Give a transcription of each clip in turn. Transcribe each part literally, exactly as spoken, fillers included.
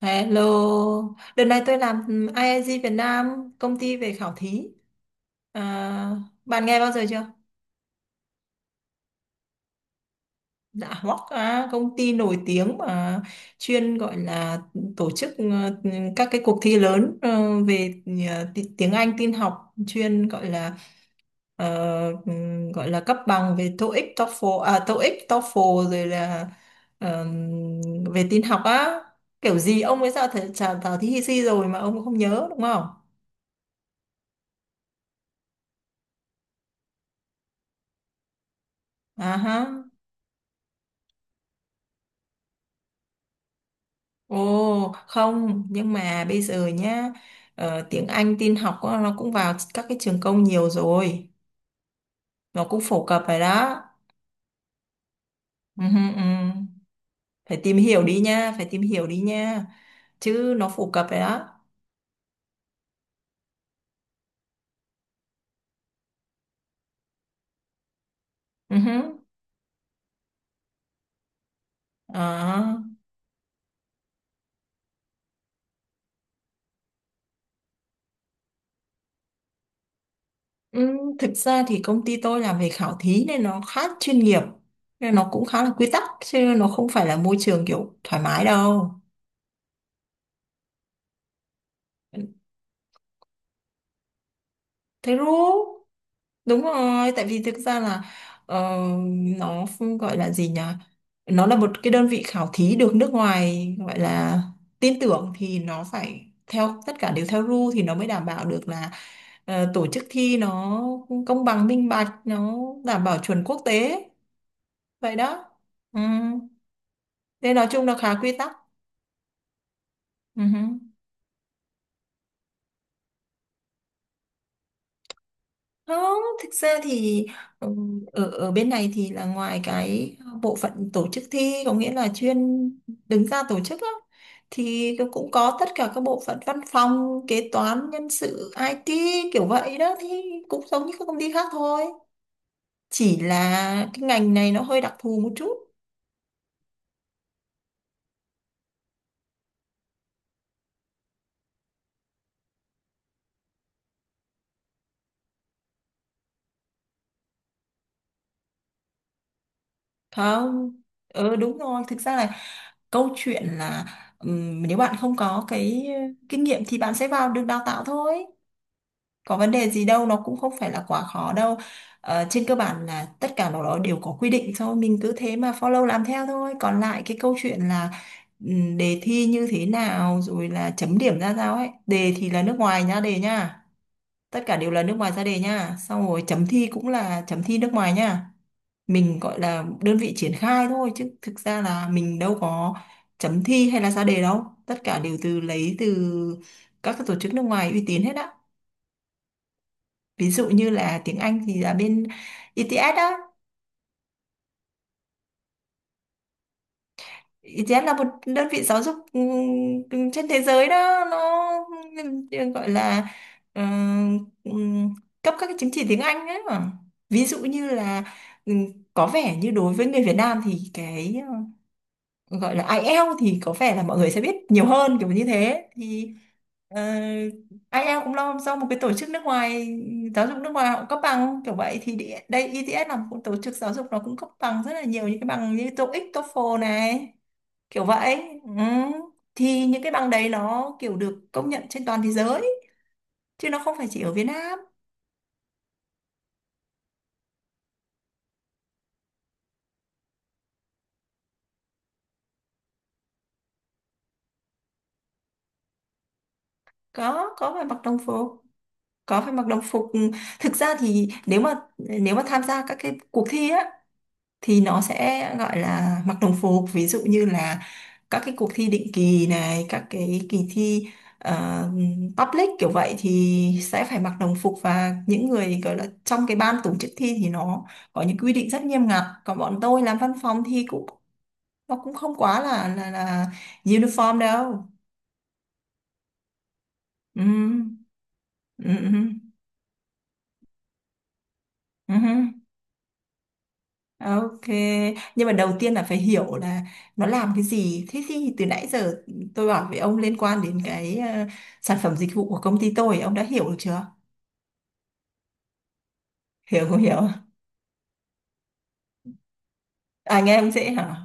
Hello, đợt này tôi làm i i giê Việt Nam, công ty về khảo thí. À, bạn nghe bao giờ chưa? Dạ Hoắc, à, công ty nổi tiếng mà chuyên gọi là tổ chức ờ, các cái cuộc thi lớn ờ, về ờ, ti- tiếng Anh, tin học, chuyên gọi là ờ, ừm, gọi là cấp bằng về TOEIC, TOEFL, à, TOEIC, TOEFL rồi là ờm, về tin học á. Kiểu gì ông ấy ra thử- trả thảo thí hi si rồi mà ông không nhớ đúng không? À hả? Ồ, không, nhưng mà bây giờ nhá, ờ, tiếng Anh tin học á, nó cũng vào các cái trường công nhiều rồi, nó cũng phổ cập rồi đó. Ừ, hừ, ừ. Phải tìm hiểu đi nha, phải tìm hiểu đi nha, chứ nó phổ cập rồi đó. Ừ, hừ. Ờ. Ừ, thực ra thì công ty tôi làm về khảo thí nên nó khá chuyên nghiệp, nên nó cũng khá là quy tắc, chứ nó không phải là môi trường kiểu thoải mái đâu. Thế đúng. Đúng rồi, tại vì thực ra là ờ, nó không gọi là gì nhỉ? Nó là một cái đơn vị khảo thí được nước ngoài gọi là tin tưởng, thì nó phải theo, tất cả đều theo rule thì nó mới đảm bảo được là ờ, tổ chức thi nó công bằng minh bạch, nó đảm bảo chuẩn quốc tế. Vậy đó. Ừ. Nên nói chung là khá quy tắc. Ừ. Không, thực ra thì ừ, ở ở bên này thì là ngoài cái bộ phận tổ chức thi, có nghĩa là chuyên đứng ra tổ chức á, thì nó cũng có tất cả các bộ phận văn phòng, kế toán, nhân sự, i tê, kiểu vậy đó, thì cũng giống như các công ty khác thôi. Chỉ là cái ngành này nó hơi đặc thù một chút. Không. Ừ, đúng rồi, thực ra là câu chuyện là ừm, nếu bạn không có cái kinh nghiệm thì bạn sẽ vào được, đào tạo thôi, có vấn đề gì đâu, nó cũng không phải là quá khó đâu. Ờ, trên cơ bản là tất cả nó đó đều có quy định thôi, mình cứ thế mà follow làm theo thôi, còn lại cái câu chuyện là ừm, đề thi như thế nào rồi là chấm điểm ra sao ấy. Đề thì là nước ngoài nhá, đề nhá, tất cả đều là nước ngoài ra đề nhá, xong rồi chấm thi cũng là chấm thi nước ngoài nhá. Mình gọi là đơn vị triển khai thôi, chứ thực ra là mình đâu có chấm thi hay là ra đề đâu, tất cả đều từ lấy từ các cái tổ chức nước ngoài uy tín hết á. Ví dụ như là tiếng Anh thì là bên I ETS đó. I ETS là một đơn vị giáo dục ừm, trên thế giới đó, nó gọi là ừm, ừm, cấp các cái chứng chỉ tiếng Anh ấy mà. Ví dụ như là ừm, có vẻ như đối với người Việt Nam thì cái gọi là ai eo thì có vẻ là mọi người sẽ biết nhiều hơn, kiểu như thế, thì ờ, ai eo cũng lo do một cái tổ chức nước ngoài, giáo dục nước ngoài, họ cũng cấp bằng kiểu vậy, thì đi- đây i ti ét là một tổ chức giáo dục, nó cũng cấp bằng rất là nhiều, những cái bằng như tô ích, TOEFL này, kiểu vậy. Ừ. Thì những cái bằng đấy nó kiểu được công nhận trên toàn thế giới, chứ nó không phải chỉ ở Việt Nam. có có phải mặc đồng phục, có phải mặc đồng phục. Thực ra thì nếu mà nếu mà tham gia các cái cuộc thi á thì nó sẽ gọi là mặc đồng phục, ví dụ như là các cái cuộc thi định kỳ này, các cái kỳ thi ờ, public kiểu vậy thì sẽ phải mặc đồng phục, và những người gọi là trong cái ban tổ chức thi thì nó có những quy định rất nghiêm ngặt, còn bọn tôi làm văn phòng thì cũng, nó cũng không quá là là là uniform đâu. Ừ, ừ, ừ, ừ, ừ. Ok, nhưng mà đầu tiên là phải hiểu là nó làm cái gì. Thế thì từ nãy giờ tôi bảo với ông liên quan đến cái ờ, sản phẩm dịch vụ của công ty tôi, ông đã hiểu được chưa? Hiểu không hiểu? À, nghe ông dễ hả?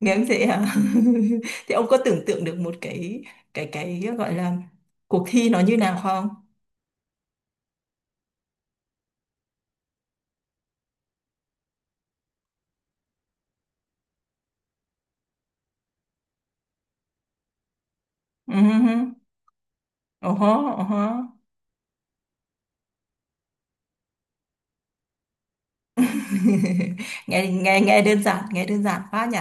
Nghe ông dễ hả? Thì ông có tưởng tượng được một cái cái cái gọi là cuộc thi nó như nào không? Ừ, hứ, ừ hứ. nghe nghe nghe đơn giản, nghe đơn giản quá nhỉ?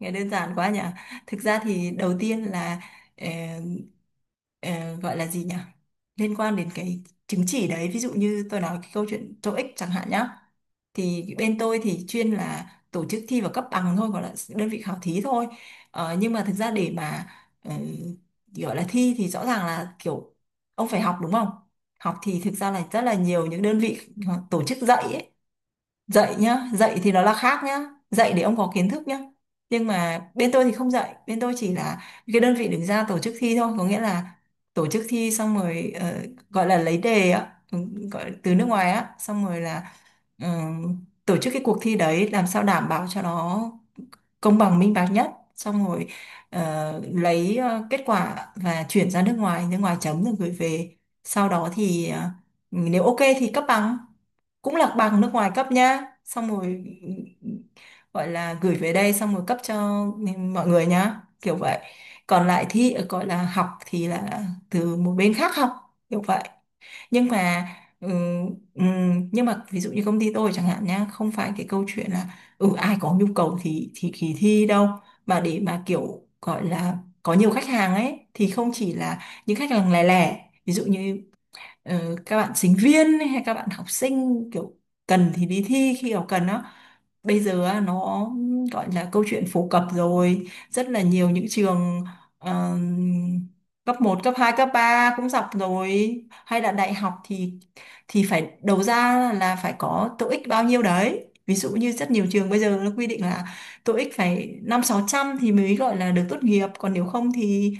Nghe đơn giản quá nhỉ. Thực ra thì đầu tiên là ờ, ờ, gọi là gì nhỉ, liên quan đến cái chứng chỉ đấy. Ví dụ như tôi nói cái câu chuyện tô ích chẳng hạn nhá, thì bên tôi thì chuyên là tổ chức thi và cấp bằng thôi, gọi là đơn vị khảo thí thôi. Ờ, nhưng mà thực ra để mà ờ, gọi là thi thì rõ ràng là kiểu ông phải học đúng không. Học thì thực ra là rất là nhiều những đơn vị tổ chức dạy ấy, dạy nhá, dạy thì nó là khác nhá, dạy để ông có kiến thức nhá. Nhưng mà bên tôi thì không dạy, bên tôi chỉ là cái đơn vị đứng ra tổ chức thi thôi, có nghĩa là tổ chức thi xong rồi ờ, gọi là lấy đề á, ừ, gọi từ nước ngoài á, xong rồi là ờ, tổ chức cái cuộc thi đấy làm sao đảm bảo cho nó công bằng minh bạch nhất, xong rồi ờ, lấy ờ, kết quả và chuyển ra nước ngoài, nước ngoài chấm rồi gửi về. Sau đó thì ờ, nếu ok thì cấp bằng, cũng là bằng nước ngoài cấp nhá, xong rồi gọi là gửi về đây, xong rồi cấp cho mọi người nhá, kiểu vậy. Còn lại thi, gọi là học, thì là từ một bên khác học, kiểu vậy. Nhưng mà ừm, ừm, nhưng mà ví dụ như công ty tôi chẳng hạn nhá, không phải cái câu chuyện là ừ ai có nhu cầu thì thì thì thi đâu, mà để mà kiểu gọi là có nhiều khách hàng ấy thì không chỉ là những khách hàng lẻ lẻ. Ví dụ như ờ, các bạn sinh viên hay các bạn học sinh kiểu cần thì đi thi khi nào cần đó. Bây giờ á, nó gọi là câu chuyện phổ cập rồi, rất là nhiều những trường ờ, cấp một, cấp hai, cấp ba cũng dọc rồi, hay là đại học thì thì phải đầu ra là phải có tô ích bao nhiêu đấy. Ví dụ như rất nhiều trường bây giờ nó quy định là tô ích phải năm sáu trăm thì mới gọi là được tốt nghiệp, còn nếu không thì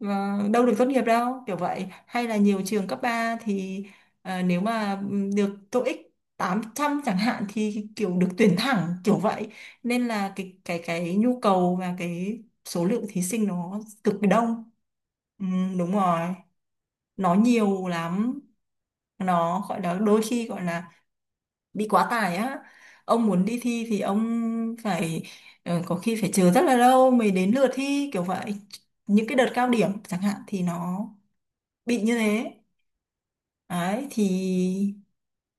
ờ, đâu được tốt nghiệp đâu, kiểu vậy. Hay là nhiều trường cấp ba thì ờ, nếu mà được tô ích tám trăm chẳng hạn thì kiểu được tuyển thẳng, kiểu vậy. Nên là cái cái cái nhu cầu và cái số lượng thí sinh nó cực kỳ đông. Ừm, đúng rồi, nó nhiều lắm, nó gọi là đôi khi gọi là bị quá tải á. Ông muốn đi thi thì ông phải ờ, có khi phải chờ rất là lâu mới đến lượt thi, kiểu vậy. Những cái đợt cao điểm chẳng hạn thì nó bị như thế. Đấy thì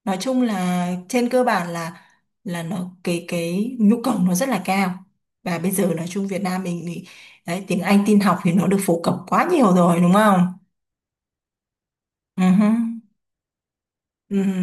nói chung là trên cơ bản là là nó cái cái nhu cầu nó rất là cao. Và bây giờ nói chung Việt Nam mình thì đấy, tiếng Anh tin học thì nó được phổ cập quá nhiều rồi đúng không. Ừ hứ, ừ hứ.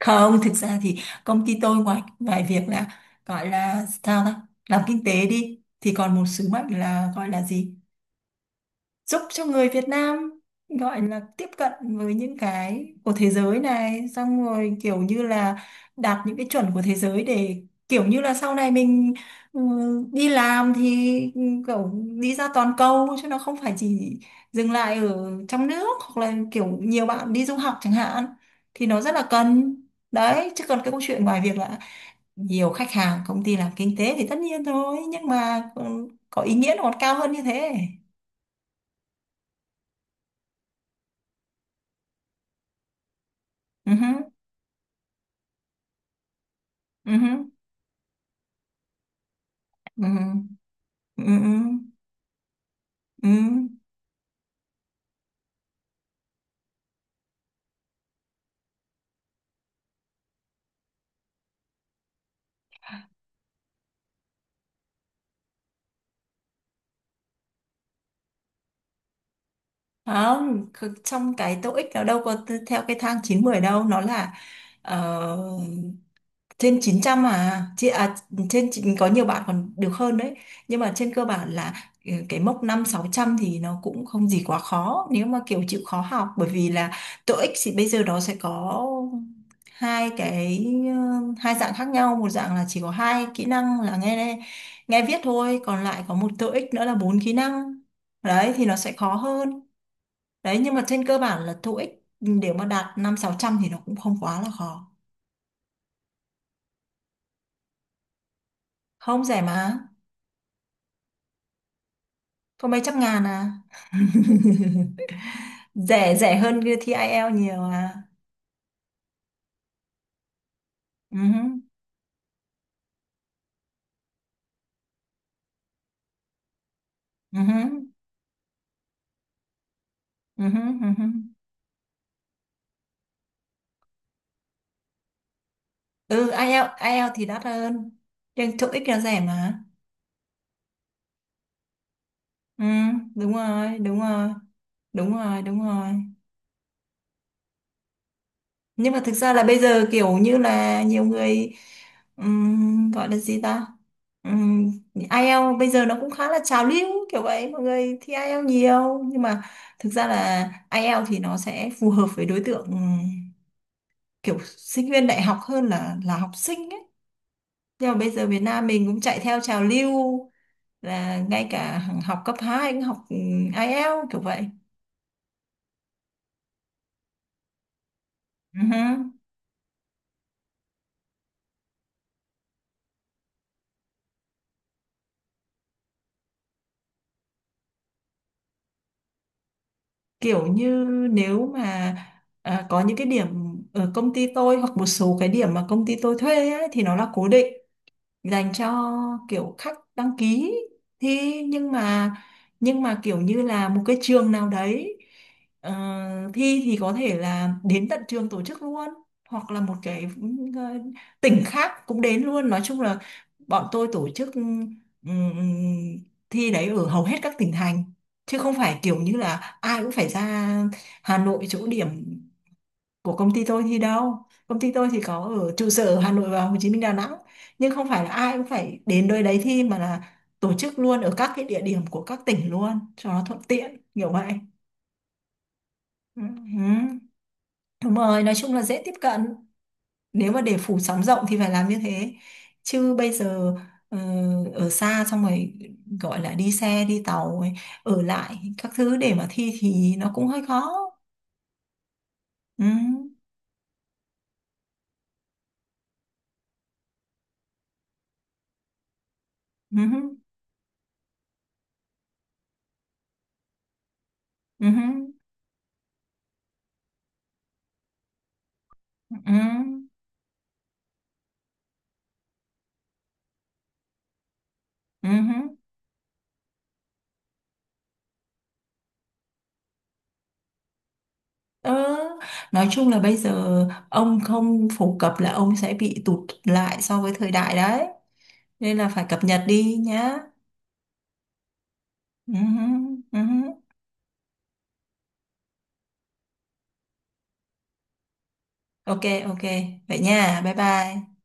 Không, thực ra thì công ty tôi ngoài ngoài việc là gọi là sao ta, làm kinh tế đi, thì còn một sứ mệnh là gọi là gì, giúp cho người Việt Nam gọi là tiếp cận với những cái của thế giới này, xong rồi kiểu như là đạt những cái chuẩn của thế giới, để kiểu như là sau này mình ừ, đi làm thì ừ, kiểu đi ra toàn cầu, chứ nó không phải chỉ dừng lại ở trong nước, hoặc là kiểu nhiều bạn đi du học chẳng hạn, thì nó rất là cần đấy. Chứ còn cái câu chuyện, ngoài việc là nhiều khách hàng, công ty làm kinh tế thì tất nhiên thôi, nhưng mà ừ, có ý nghĩa nó còn cao hơn như thế. Ừ hứ, ừ hứ. Ừ, ừ, ừ. Ừ. Không, c- trong cái tô ích nó đâu có t- theo cái thang chín mười đâu, nó là ờ, trên chín trăm à, trên, à trên chín- có nhiều bạn còn được hơn đấy. Nhưng mà trên cơ bản là ừ, cái mốc năm sáu trăm thì nó cũng không gì quá khó nếu mà kiểu chịu khó học, bởi vì là tô ích thì bây giờ nó sẽ có hai cái ờ, hai dạng khác nhau, một dạng là chỉ có hai kỹ năng là nghe, nghe viết thôi, còn lại có một tô ích nữa là bốn kỹ năng. Đấy thì nó sẽ khó hơn. Đấy nhưng mà trên cơ bản là tô ích để mà đạt năm sáu trăm thì nó cũng không quá là khó. Không, rẻ mà, có mấy trăm ngàn à. Rẻ, rẻ hơn cái thi ai eo nhiều à. Ừ, ừ, ừ, ừ, ừ. Ừ, IELTS, ai eo ti ét ét thì đắt hơn. Nhưng tô ích là rẻ mà. Ừ, đúng rồi, đúng rồi. Đúng rồi, đúng rồi. Nhưng mà thực ra là bây giờ kiểu như là nhiều người ừm, gọi là gì ta, um, ai eo bây giờ nó cũng khá là trào lưu, kiểu vậy mọi người thi ai eo nhiều. Nhưng mà thực ra là ai eo thì nó sẽ phù hợp với đối tượng ừm, kiểu sinh viên đại học hơn là là học sinh ấy. Nhưng mà bây giờ Việt Nam mình cũng chạy theo trào lưu là ngay cả học cấp hai cũng học ừm, ai eo kiểu vậy. Ừ, kiểu như, nếu mà à, có những cái điểm ở công ty tôi hoặc một số cái điểm mà công ty tôi thuê ấy, thì nó là cố định dành cho kiểu khách đăng ký thi. Nhưng mà nhưng mà kiểu như là một cái trường nào đấy ờ, thi thì có thể là đến tận trường tổ chức luôn, hoặc là một cái ờ, tỉnh khác cũng đến luôn. Nói chung là bọn tôi tổ chức ừm, thi đấy ở hầu hết các tỉnh thành, chứ không phải kiểu như là ai cũng phải ra Hà Nội chỗ điểm của công ty tôi thì đâu. Công ty tôi thì có ở trụ sở ở Hà Nội và Hồ Chí Minh, Đà Nẵng, nhưng không phải là ai cũng phải đến nơi đấy thi, mà là tổ chức luôn ở các cái địa điểm của các tỉnh luôn cho nó thuận tiện, kiểu vậy. Ừ. Ừ. Đúng rồi, nói chung là dễ tiếp cận, nếu mà để phủ sóng rộng thì phải làm như thế. Chứ bây giờ ờ, ở xa, xong rồi gọi là đi xe đi tàu ấy, ở lại các thứ để mà thi thì nó cũng hơi khó. Ừ. Ừ. Ừ. Ừ. Ừ. Ừ. Ừ. Ờ, nói chung là bây giờ ông không phổ cập là ông sẽ bị tụt lại so với thời đại đấy. Nên là phải cập nhật đi nhá. Ừ, hứ, ừ hứ. Ok, ok. Vậy nha. Bye bye.